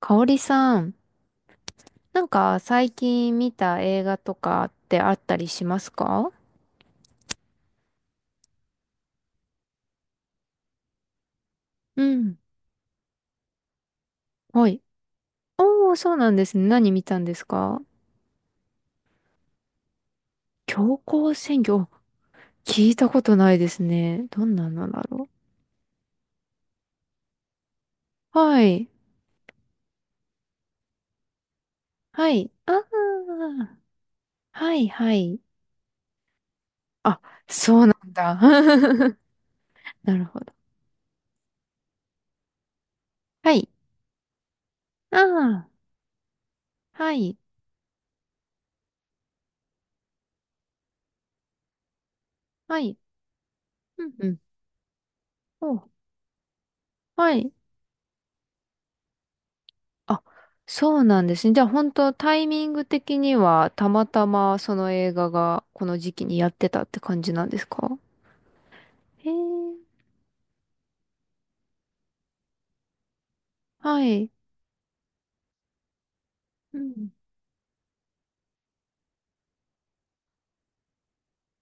かおりさん、なんか最近見た映画とかってあったりしますか？うん。はい。おー、そうなんですね。何見たんですか？強行選挙、お、聞いたことないですね。どんなのだろう。はい。はい。あー。はい、はい。あ、そうなんだ。なるほど。はい。あー。はい。はい。うん、うん。お、はい。あ、そうなんですね。じゃあ本当タイミング的にはたまたまその映画がこの時期にやってたって感じなんですか？へえ、はい。うん、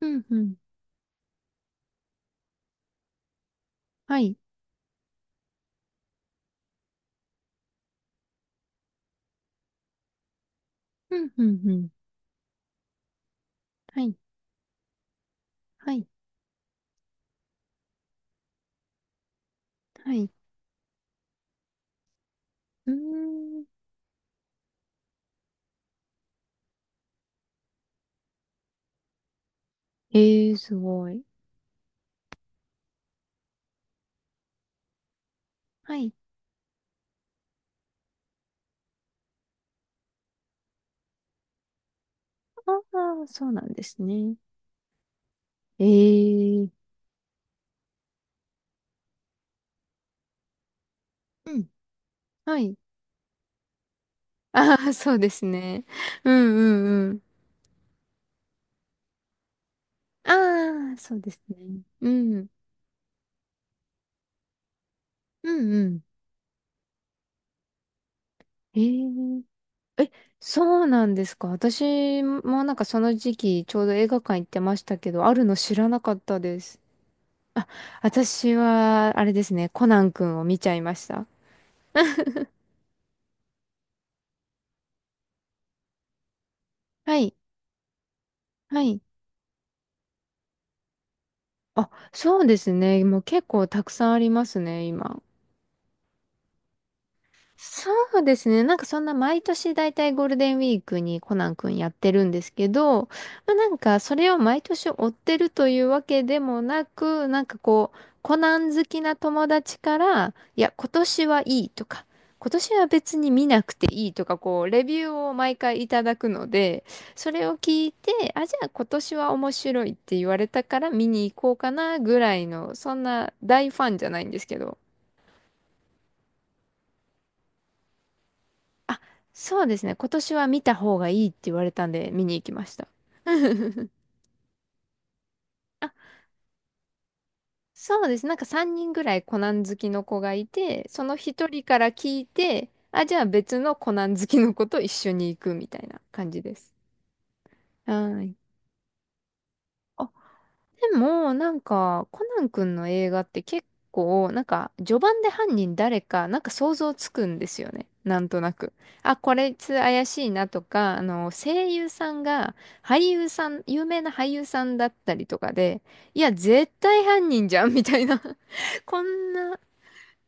うん、うん。はい。うん、うん、うん。はい、はい、はい。うーん。ええ、すごい。はい。ああ、そうなんですね。ええ、うん、はい。ああ、そうですね。うん、うん、うん。ああ、そうですね。うん、うん、うん。ええ。え、そうなんですか？私もなんかその時期ちょうど映画館行ってましたけど、あるの知らなかったです。あ、私はあれですね、コナン君を見ちゃいました。はい、はい。あ、そうですね。もう結構たくさんありますね、今。そうですね。なんかそんな毎年だいたいゴールデンウィークにコナン君やってるんですけど、まあ、なんかそれを毎年追ってるというわけでもなく、なんかこう、コナン好きな友達から、いや、今年はいいとか、今年は別に見なくていいとか、こう、レビューを毎回いただくので、それを聞いて、あ、じゃあ今年は面白いって言われたから見に行こうかなぐらいの、そんな大ファンじゃないんですけど、あ、そうですね。今年は見た方がいいって言われたんで見に行きました。あ、そうです。なんか3人ぐらいコナン好きの子がいて、その一人から聞いて、あ、じゃあ別のコナン好きの子と一緒に行くみたいな感じです。はーい。でも、なんか、コナン君の映画って結構、なんか、序盤で犯人誰か、なんか想像つくんですよね。なんとなく。あ、これいつ怪しいなとか、声優さんが、俳優さん、有名な俳優さんだったりとかで、いや、絶対犯人じゃん、みたいな。こんな。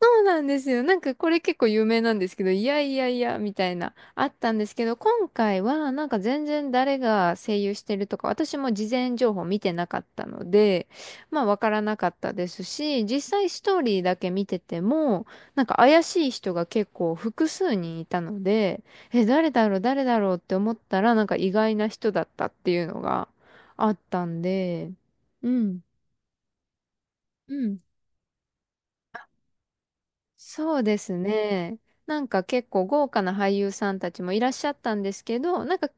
そうなんですよ。なんかこれ結構有名なんですけど、いやいやいや、みたいな、あったんですけど、今回はなんか全然誰が声優してるとか、私も事前情報見てなかったので、まあわからなかったですし、実際ストーリーだけ見てても、なんか怪しい人が結構複数人いたので、え、誰だろう、誰だろうって思ったら、なんか意外な人だったっていうのがあったんで、うん。うん、そうですね。なんか結構豪華な俳優さんたちもいらっしゃったんですけど、なんか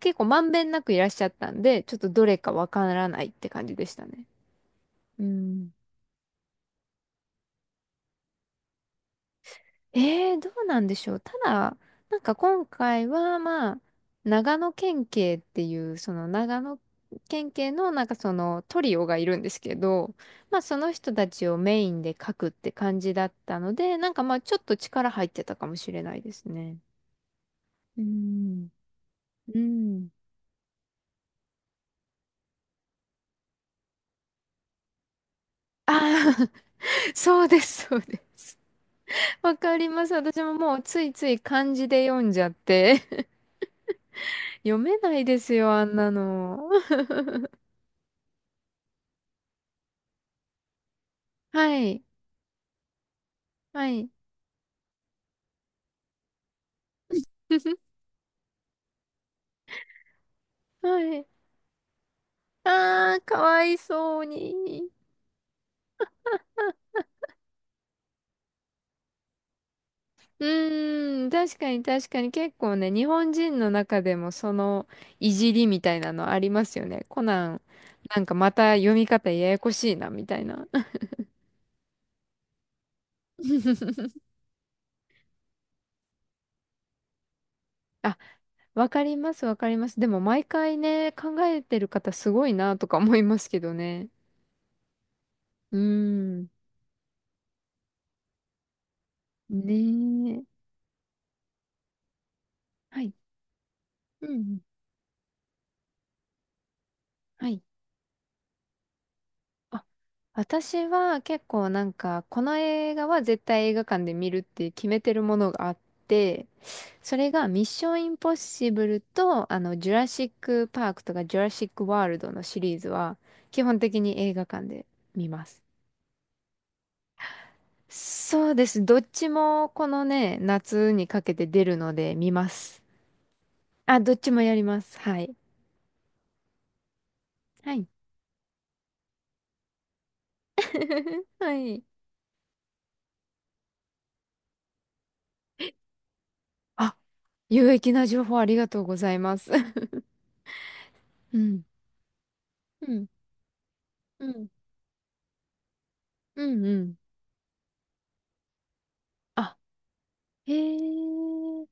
結構まんべんなくいらっしゃったんで、ちょっとどれかわからないって感じでしたね。うん。どうなんでしょう。ただ、なんか今回はまあ、長野県警っていう、その長野県警のなんかそのトリオがいるんですけど、まあその人たちをメインで書くって感じだったので、なんかまあちょっと力入ってたかもしれないですね。うんうん。ああ、そうです、そうです。わかります。私ももうついつい漢字で読んじゃって。読めないですよ、あんなの。はい、はい。はい。ああ、かわいそうに。うーん、確かに確かに結構ね、日本人の中でもそのいじりみたいなのありますよね。コナン、なんかまた読み方ややこしいな、みたいな。あ、わかります、わかります。でも毎回ね、考えてる方すごいなとか思いますけどね。うーん。ねえ。はい。うんうん。はい。あ、私は結構なんか、この映画は絶対映画館で見るって決めてるものがあって、それがミッションインポッシブルと、ジュラシックパークとかジュラシックワールドのシリーズは、基本的に映画館で見ます。そうです。どっちもこのね、夏にかけて出るので見ます。あ、どっちもやります。はい。はい。はい。あ、有益な情報ありがとうございます。うん。うん。うん。うんうん。あ、へえ。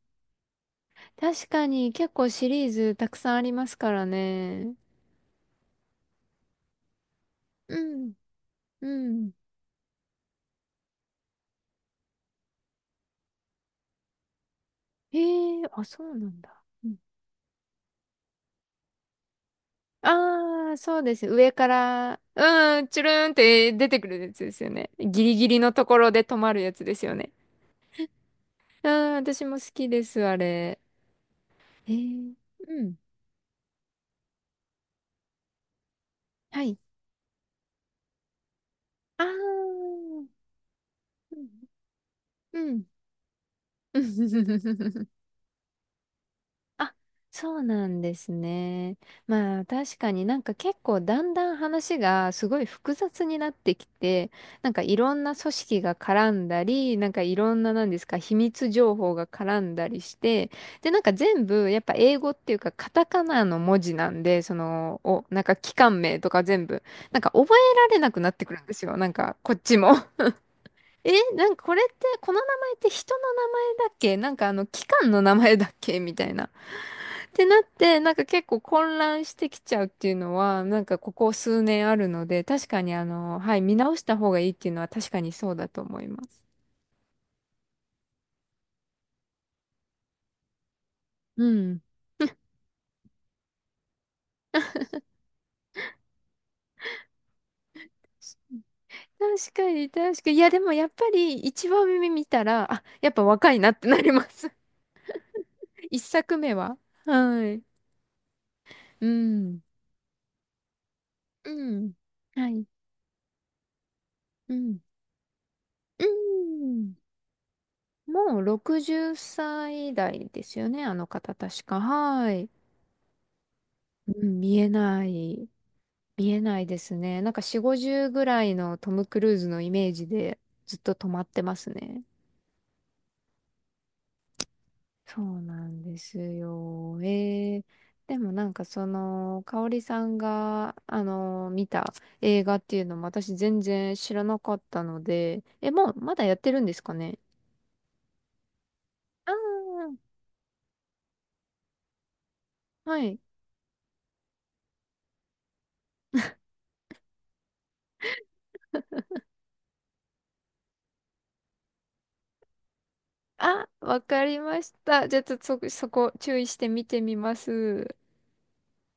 確かに結構シリーズたくさんありますからね。うん。うん。へえ、あ、そうなんだ。ああ、そうです。上から、うん、チュルーンって出てくるやつですよね。ギリギリのところで止まるやつですよね。うん、私も好きです、あれ。えー、うん。はい。ああ、うん。うん。あ、そうなんですね。まあ確かになんか結構だんだん話がすごい複雑になってきて、なんかいろんな組織が絡んだり、なんかいろんななんですか秘密情報が絡んだりして、でなんか全部やっぱ英語っていうかカタカナの文字なんで、その、お、なんか機関名とか全部、なんか覚えられなくなってくるんですよ。なんかこっちも。え、なんかこれって、この名前って人の名前だっけなんかあの機関の名前だっけみたいな。ってなって、なんか結構混乱してきちゃうっていうのは、なんかここ数年あるので、確かにあの、はい、見直した方がいいっていうのは確かにそうだと思います。うん。確かに、確かに。いや、でもやっぱり一番目見たら、あ、やっぱ若いなってなります。一作目は。はい。うん。うん。はい。うん。うん。もう60歳代ですよね、あの方確か。はい。うん、見えない。見えないですね。なんか4、50ぐらいのトム・クルーズのイメージでずっと止まってますね。そうなんですよ。でもなんかその、香織さんが、見た映画っていうのも私全然知らなかったので、え、もうまだやってるんですかね？ああ、はい。あ、わかりました。じゃあ、ちょっとそこ注意して見てみます。